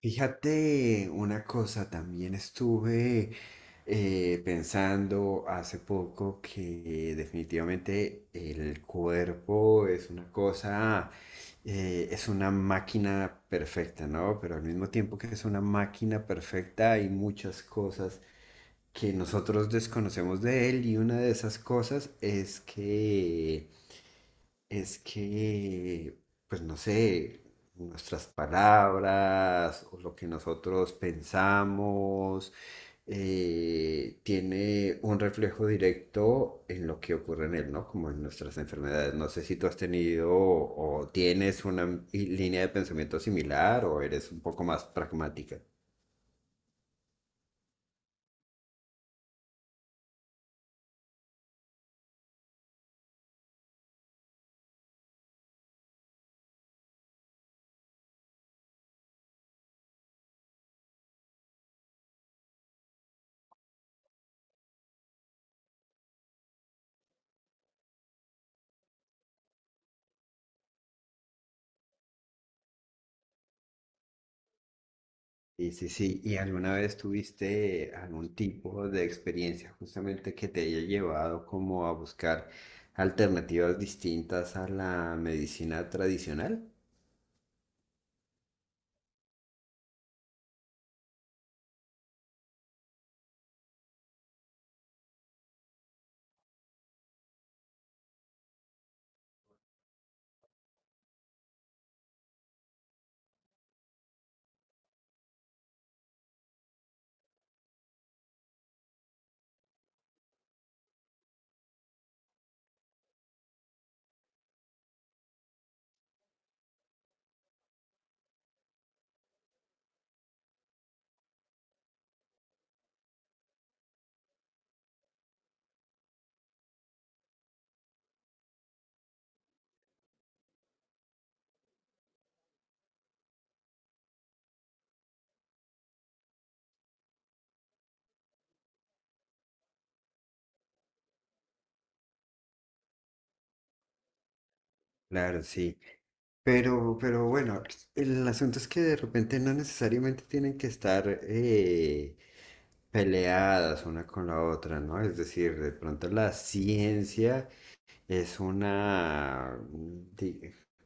Fíjate una cosa, también estuve pensando hace poco que definitivamente el cuerpo es una cosa, es una máquina perfecta, ¿no? Pero al mismo tiempo que es una máquina perfecta hay muchas cosas que nosotros desconocemos de él, y una de esas cosas es que, pues no sé, nuestras palabras o lo que nosotros pensamos tiene un reflejo directo en lo que ocurre en él, ¿no? Como en nuestras enfermedades. No sé si tú has tenido o tienes una línea de pensamiento similar o eres un poco más pragmática. Sí, sí, sí. ¿Y alguna vez tuviste algún tipo de experiencia justamente que te haya llevado como a buscar alternativas distintas a la medicina tradicional? Claro, sí. Pero bueno, el asunto es que de repente no necesariamente tienen que estar peleadas una con la otra, ¿no? Es decir, de pronto la ciencia es una, di-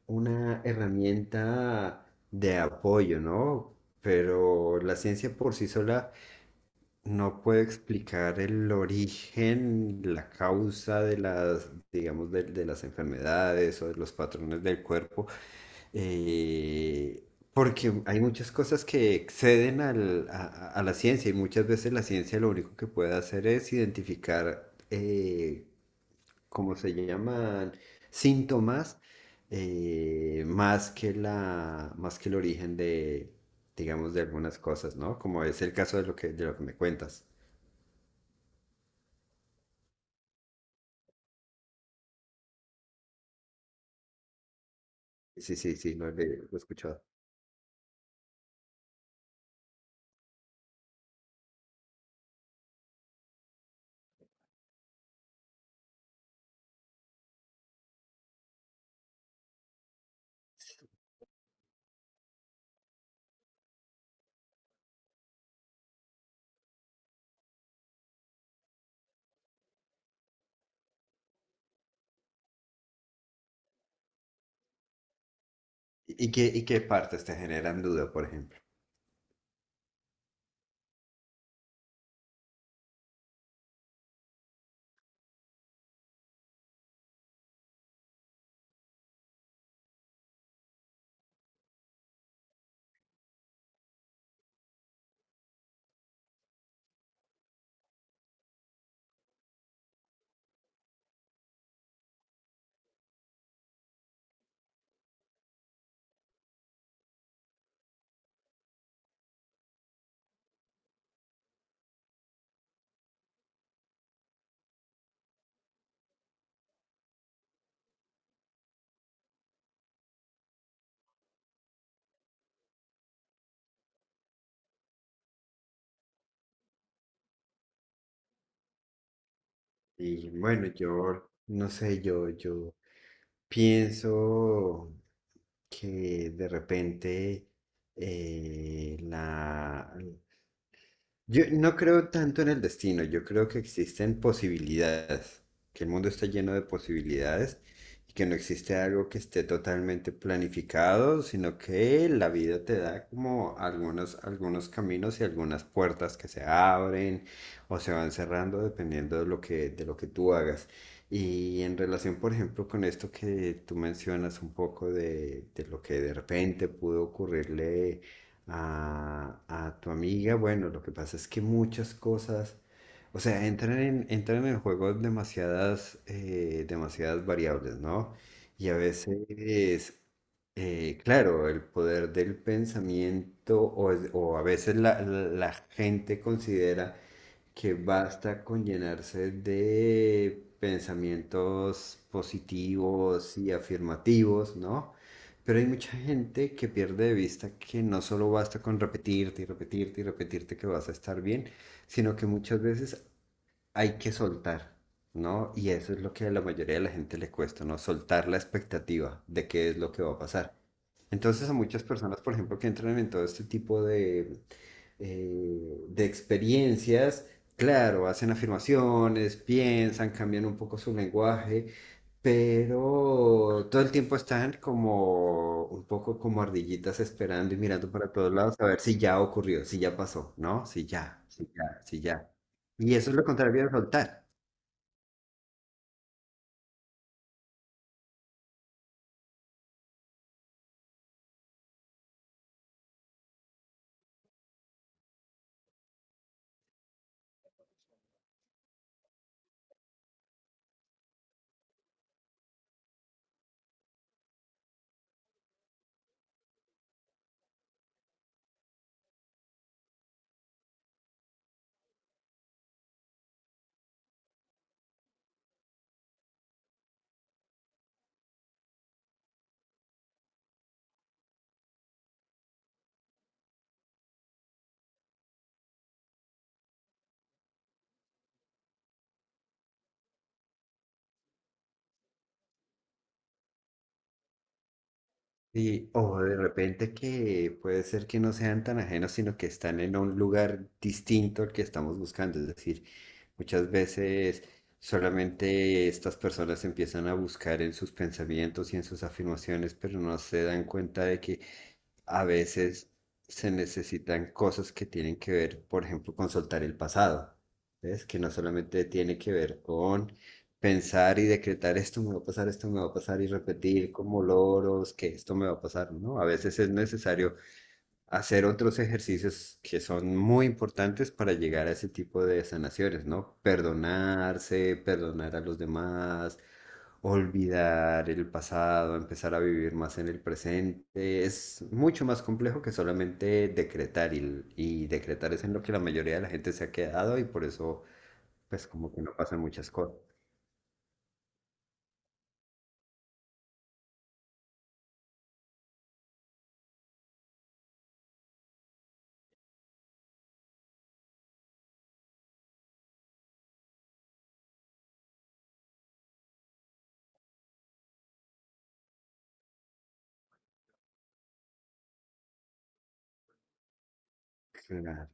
una herramienta de apoyo, ¿no? Pero la ciencia por sí sola no puede explicar el origen, la causa de las, digamos, de las enfermedades o de los patrones del cuerpo, eh, porque hay muchas cosas que exceden a la ciencia, y muchas veces la ciencia lo único que puede hacer es identificar, como se llaman, síntomas, más que más que el origen de, digamos, de algunas cosas, ¿no? Como es el caso de lo que me cuentas. Sí, sí, sí, lo, he leído, lo he escuchado. Y qué partes te generan duda, por ejemplo? Y bueno, yo, no sé, yo pienso que de repente eh, la, yo no creo tanto en el destino, yo creo que existen posibilidades, que el mundo está lleno de posibilidades y que no existe algo que esté totalmente planificado, sino que la vida te da como algunos, algunos caminos y algunas puertas que se abren o se van cerrando dependiendo de lo que tú hagas. Y en relación, por ejemplo, con esto que tú mencionas un poco de lo que de repente pudo ocurrirle a tu amiga. Bueno, lo que pasa es que muchas cosas, o sea, entran entran en el juego demasiadas, demasiadas variables, ¿no? Y a veces, claro, el poder del pensamiento o, o a veces la gente considera que basta con llenarse de pensamientos positivos y afirmativos, ¿no? Pero hay mucha gente que pierde de vista que no solo basta con repetirte y repetirte y repetirte que vas a estar bien, sino que muchas veces hay que soltar, ¿no? Y eso es lo que a la mayoría de la gente le cuesta, ¿no? Soltar la expectativa de qué es lo que va a pasar. Entonces a muchas personas, por ejemplo, que entran en todo este tipo de experiencias, claro, hacen afirmaciones, piensan, cambian un poco su lenguaje, pero todo el tiempo están como un poco como ardillitas esperando y mirando para todos lados a ver si ya ocurrió, si ya pasó, ¿no? Si ya, si ya, si ya. Y eso es lo contrario de soltar. Sí, o de repente que puede ser que no sean tan ajenos, sino que están en un lugar distinto al que estamos buscando. Es decir, muchas veces solamente estas personas empiezan a buscar en sus pensamientos y en sus afirmaciones, pero no se dan cuenta de que a veces se necesitan cosas que tienen que ver, por ejemplo, con soltar el pasado, ¿ves? Que no solamente tiene que ver con pensar y decretar esto me va a pasar, esto me va a pasar, y repetir como loros que esto me va a pasar, ¿no? A veces es necesario hacer otros ejercicios que son muy importantes para llegar a ese tipo de sanaciones, ¿no? Perdonarse, perdonar a los demás, olvidar el pasado, empezar a vivir más en el presente. Es mucho más complejo que solamente decretar, y decretar es en lo que la mayoría de la gente se ha quedado, y por eso, pues como que no pasan muchas cosas. Claro,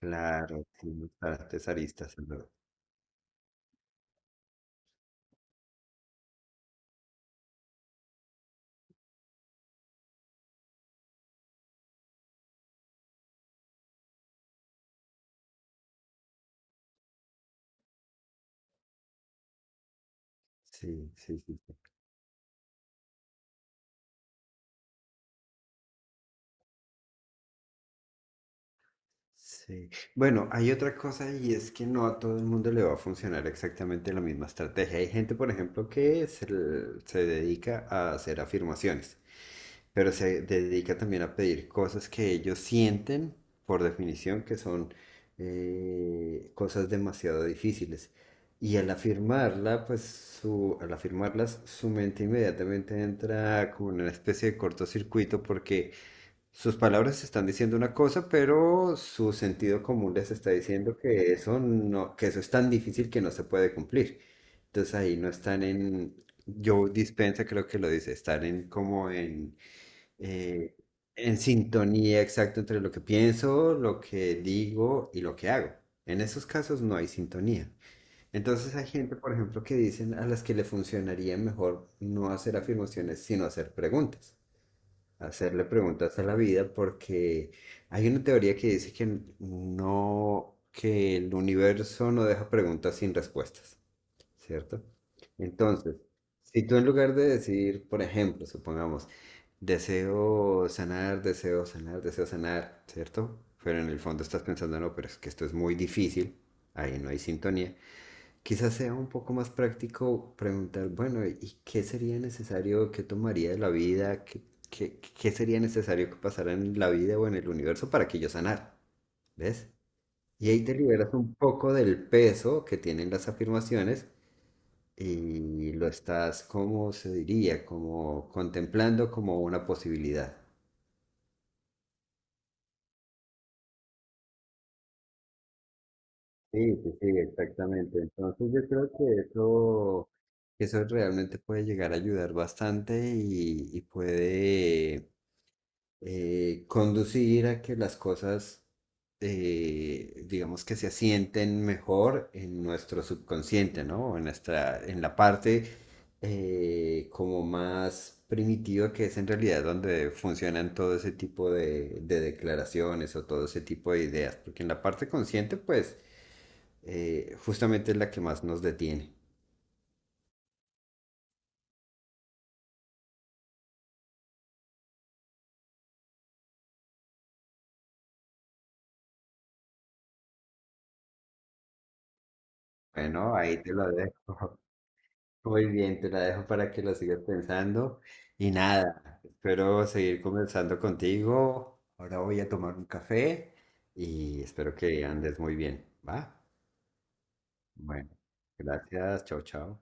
claro, tiene bastantes aristas, en verdad. Sí, sí, sí. Sí. Bueno, hay otra cosa, y es que no a todo el mundo le va a funcionar exactamente la misma estrategia. Hay gente, por ejemplo, que se, se dedica a hacer afirmaciones, pero se dedica también a pedir cosas que ellos sienten, por definición, que son cosas demasiado difíciles. Y al afirmarla, pues su, al afirmarlas, su mente inmediatamente entra como en una especie de cortocircuito, porque sus palabras están diciendo una cosa, pero su sentido común les está diciendo que eso no, que eso es tan difícil que no se puede cumplir. Entonces ahí no están en, yo dispensa creo que lo dice, están en como eh, en sintonía exacta entre lo que pienso, lo que digo y lo que hago. En esos casos no hay sintonía. Entonces hay gente, por ejemplo, que dicen a las que le funcionaría mejor no hacer afirmaciones, sino hacer preguntas, hacerle preguntas a la vida, porque hay una teoría que dice que no, que el universo no deja preguntas sin respuestas, ¿cierto? Entonces, si tú en lugar de decir, por ejemplo, supongamos, deseo sanar, deseo sanar, deseo sanar, ¿cierto? Pero en el fondo estás pensando, no, pero es que esto es muy difícil, ahí no hay sintonía. Quizás sea un poco más práctico preguntar, bueno, ¿y qué sería necesario, qué tomaría de la vida, qué, qué sería necesario que pasara en la vida o en el universo para que yo sanara? ¿Ves? Y ahí te liberas un poco del peso que tienen las afirmaciones, y lo estás, ¿cómo se diría? Como contemplando como una posibilidad. Sí, sí, sí, exactamente. Entonces yo creo que eso realmente puede llegar a ayudar bastante, y puede conducir a que las cosas, digamos, que se asienten mejor en nuestro subconsciente, ¿no? En nuestra, en la parte como más primitiva, que es en realidad donde funcionan todo ese tipo de declaraciones o todo ese tipo de ideas, porque en la parte consciente, pues, justamente es la que más nos detiene. Bueno, ahí te lo dejo. Muy bien, te la dejo para que la sigas pensando. Y nada, espero seguir conversando contigo. Ahora voy a tomar un café y espero que andes muy bien, ¿va? Bueno, gracias, chao, chao.